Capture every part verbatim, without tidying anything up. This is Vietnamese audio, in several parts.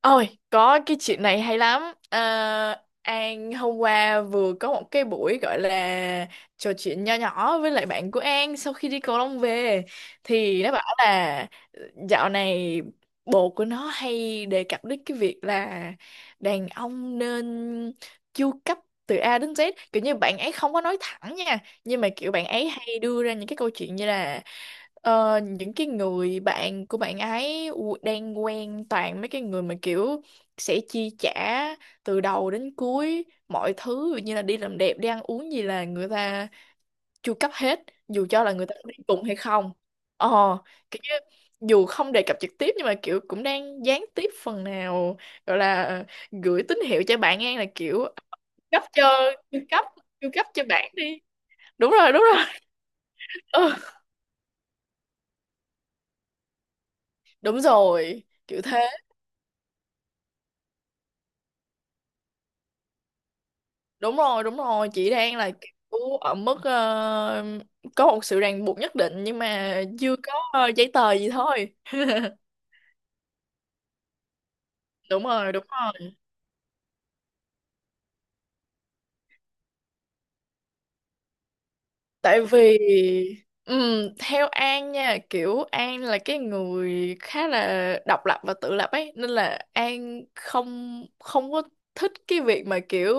Ôi, có cái chuyện này hay lắm. À, An hôm qua vừa có một cái buổi gọi là trò chuyện nho nhỏ với lại bạn của An sau khi đi cầu lông về thì nó bảo là dạo này bồ của nó hay đề cập đến cái việc là đàn ông nên chu cấp từ A đến Z, kiểu như bạn ấy không có nói thẳng nha, nhưng mà kiểu bạn ấy hay đưa ra những cái câu chuyện như là, Ờ, những cái người bạn của bạn ấy u- đang quen toàn mấy cái người mà kiểu sẽ chi trả từ đầu đến cuối mọi thứ, ví dụ như là đi làm đẹp, đi ăn uống gì là người ta chu cấp hết, dù cho là người ta có đi cùng hay không. ờ Kiểu như dù không đề cập trực tiếp nhưng mà kiểu cũng đang gián tiếp phần nào, gọi là gửi tín hiệu cho bạn ngang là kiểu cấp cho chu cấp chu cấp cho bạn đi. Đúng rồi, đúng rồi. Ừ, đúng rồi kiểu thế. Đúng rồi, đúng rồi, chị đang là kiểu ở mức ờ, có một sự ràng buộc nhất định nhưng mà chưa có ờ, giấy tờ gì thôi. Đúng rồi, đúng rồi. Tại vì ừm, theo An nha, kiểu An là cái người khá là độc lập và tự lập ấy, nên là An không không có thích cái việc mà kiểu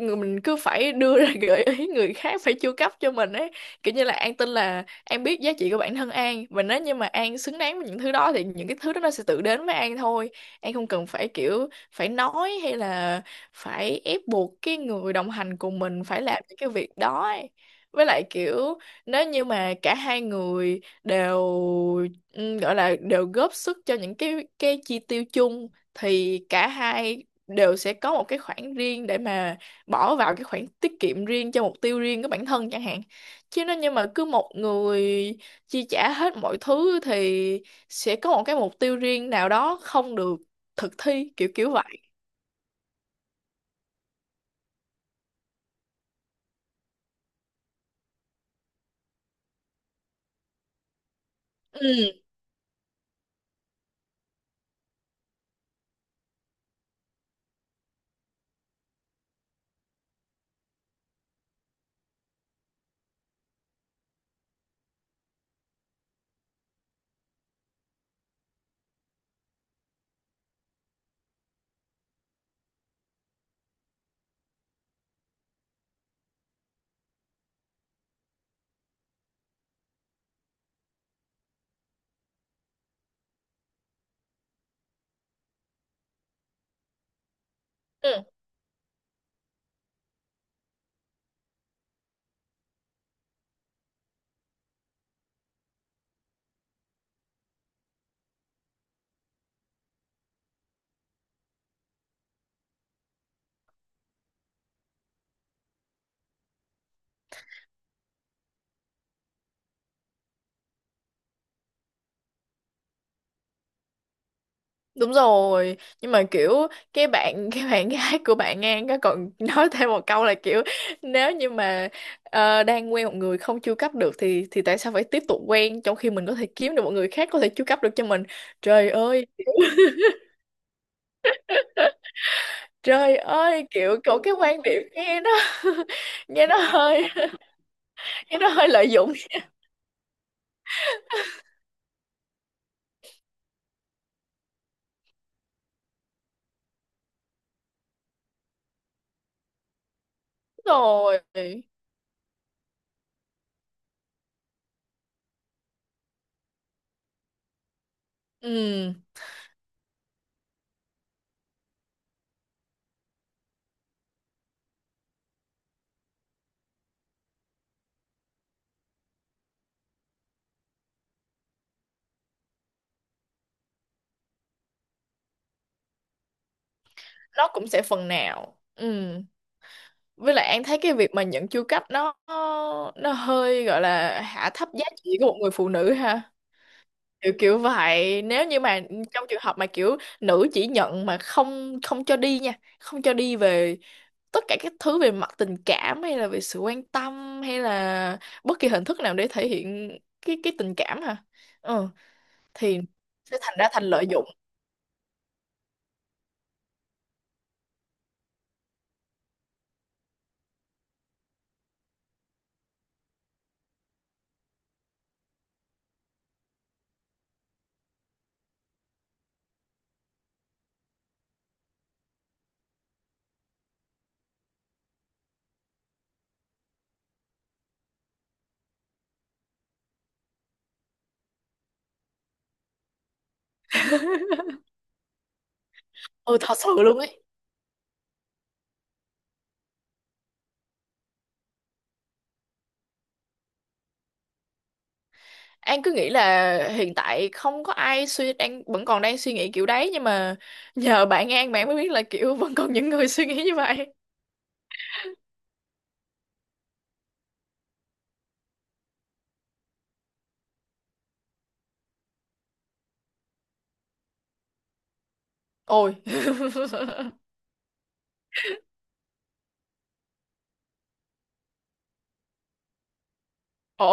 người mình cứ phải đưa ra gợi ý người khác phải chu cấp cho mình ấy. Kiểu như là An tin là An biết giá trị của bản thân An, và nếu như mà An xứng đáng với những thứ đó thì những cái thứ đó nó sẽ tự đến với An thôi. An không cần phải kiểu phải nói hay là phải ép buộc cái người đồng hành cùng mình phải làm những cái việc đó ấy. Với lại kiểu nếu như mà cả hai người đều ừ, gọi là đều góp sức cho những cái cái chi tiêu chung thì cả hai đều sẽ có một cái khoản riêng để mà bỏ vào cái khoản tiết kiệm riêng cho mục tiêu riêng của bản thân chẳng hạn, chứ nếu như mà cứ một người chi trả hết mọi thứ thì sẽ có một cái mục tiêu riêng nào đó không được thực thi, kiểu kiểu vậy. Ừ, ừ. Đúng rồi, nhưng mà kiểu cái bạn cái bạn gái của bạn An có còn nói thêm một câu là kiểu nếu như mà ờ, đang quen một người không chu cấp được thì thì tại sao phải tiếp tục quen, trong khi mình có thể kiếm được một người khác có thể chu cấp được cho mình. Trời ơi. Trời ơi, kiểu cậu cái quan điểm nghe nó nghe nó hơi nghe nó hơi lợi dụng rồi. Ừ, nó cũng sẽ phần nào. Ừ. Với lại An thấy cái việc mà nhận chu cấp nó nó hơi gọi là hạ thấp giá trị của một người phụ nữ ha. Kiểu kiểu vậy, nếu như mà trong trường hợp mà kiểu nữ chỉ nhận mà không không cho đi nha, không cho đi về tất cả các thứ về mặt tình cảm hay là về sự quan tâm hay là bất kỳ hình thức nào để thể hiện cái cái tình cảm hả. ừ, thì sẽ thành ra thành lợi dụng. Ừ, thật sự luôn ấy. An cứ nghĩ là hiện tại không có ai suy đang vẫn còn đang suy nghĩ kiểu đấy, nhưng mà nhờ bạn An bạn mới biết là kiểu vẫn còn những người suy nghĩ như vậy. Ôi. Ồ.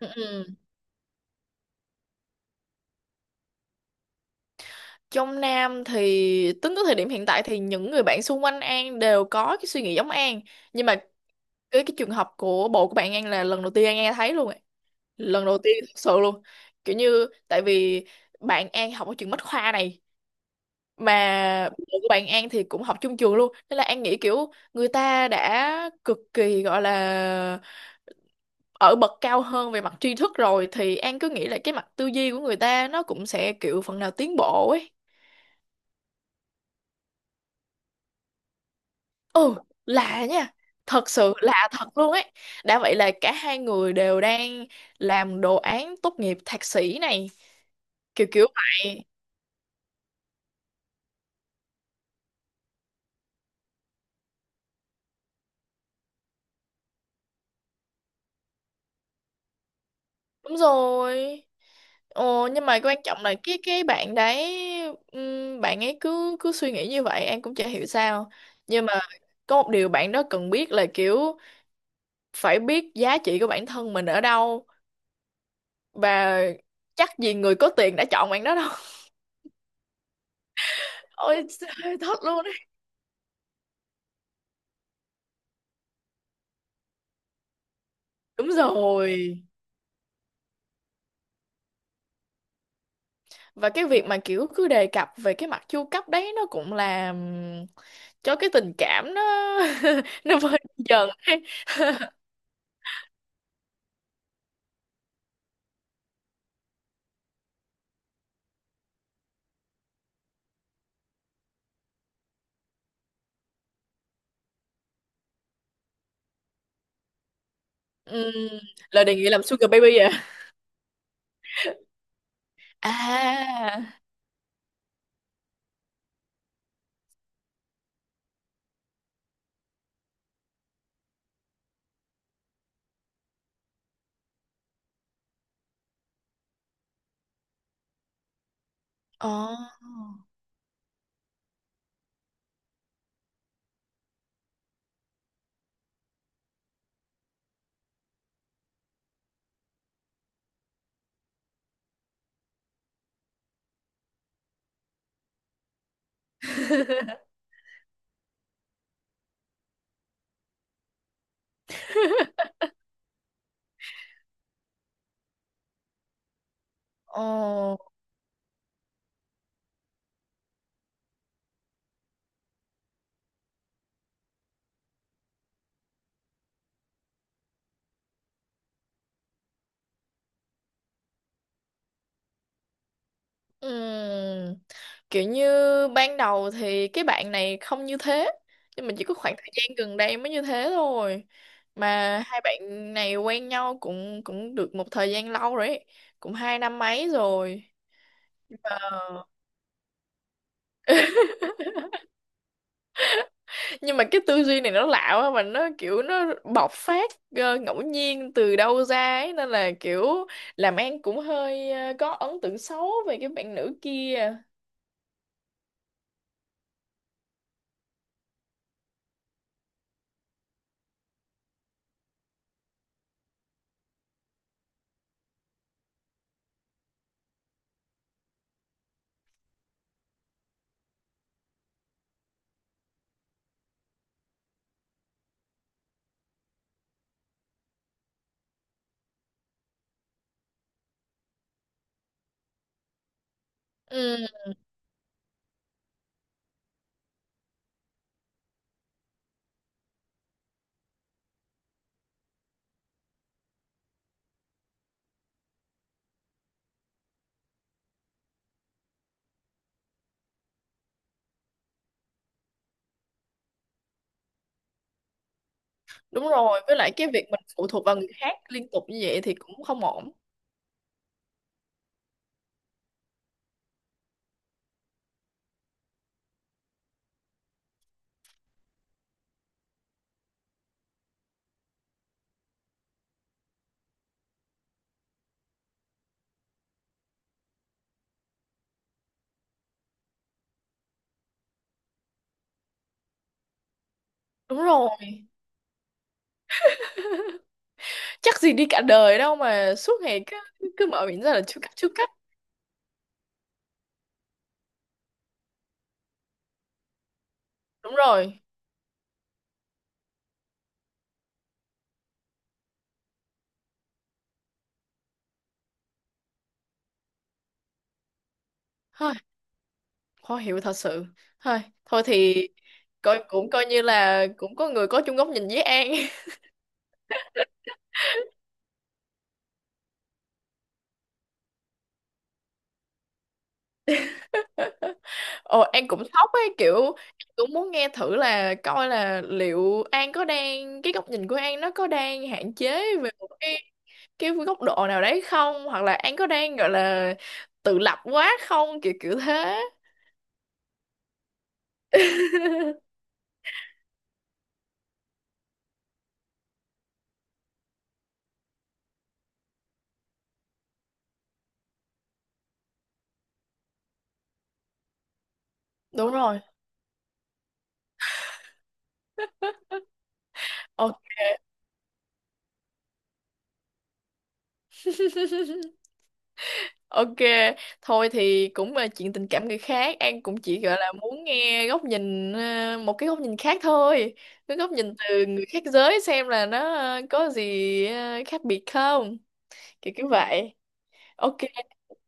Ừ. Ừ. Trong Nam thì tính tới thời điểm hiện tại thì những người bạn xung quanh An đều có cái suy nghĩ giống An, nhưng mà cái cái trường hợp của bộ của bạn An là lần đầu tiên An nghe thấy luôn ấy. Lần đầu tiên thật sự luôn, kiểu như tại vì bạn An học ở trường Bách Khoa này, mà bộ của bạn An thì cũng học chung trường luôn, nên là An nghĩ kiểu người ta đã cực kỳ gọi là ở bậc cao hơn về mặt tri thức rồi thì An cứ nghĩ là cái mặt tư duy của người ta nó cũng sẽ kiểu phần nào tiến bộ ấy. Ừ, lạ nha. Thật sự lạ thật luôn ấy. Đã vậy là cả hai người đều đang làm đồ án tốt nghiệp thạc sĩ này. Kiểu kiểu vậy. Đúng rồi. Ồ, nhưng mà quan trọng là cái cái bạn đấy ừm, bạn ấy cứ cứ suy nghĩ như vậy, em cũng chả hiểu sao. Nhưng mà có một điều bạn đó cần biết là kiểu phải biết giá trị của bản thân mình ở đâu, và chắc gì người có tiền đã chọn bạn đó đâu. Ôi, thất luôn ấy. Đúng rồi. Và cái việc mà kiểu cứ đề cập về cái mặt chu cấp đấy nó cũng làm cho cái tình cảm nó nó vơi đi dần ấy. Ừm, Lời đề nghị làm sugar baby à? À. Ồ. Ồ. Ừm, Kiểu như ban đầu thì cái bạn này không như thế, nhưng mà chỉ có khoảng thời gian gần đây mới như thế thôi. Mà hai bạn này quen nhau cũng cũng được một thời gian lâu rồi ấy. Cũng hai năm mấy rồi. Ờ. Nhưng mà cái tư duy này nó lạ quá, mà nó kiểu nó bộc phát ờ, ngẫu nhiên từ đâu ra ấy, nên là kiểu làm An cũng hơi ờ, có ấn tượng xấu về cái bạn nữ kia. Ừ, đúng rồi, với lại cái việc mình phụ thuộc vào người khác liên tục như vậy thì cũng không ổn. Đúng rồi, chắc gì đi cả đời đâu mà suốt ngày cứ cứ mở miệng ra là chưa cắt, chưa cắt. Đúng rồi, hơi khó hiểu thật sự. Thôi thôi thì coi cũng coi như là cũng có người có chung góc nhìn với An. Ồ, An cũng sốc ấy, kiểu An cũng muốn nghe thử là coi là liệu An có đang cái góc nhìn của An nó có đang hạn chế về một cái cái góc độ nào đấy không, hoặc là An có đang gọi là tự lập quá không, kiểu kiểu thế. Đúng rồi. Ồ. Ok. Thôi thì cũng là chuyện tình cảm người khác, An cũng chỉ gọi là muốn nghe góc nhìn, ờ, một cái góc nhìn khác thôi. Cái góc nhìn từ người khác giới xem là nó ờ, có gì ờ, khác biệt không, kiểu kiểu vậy. Ok. Ok.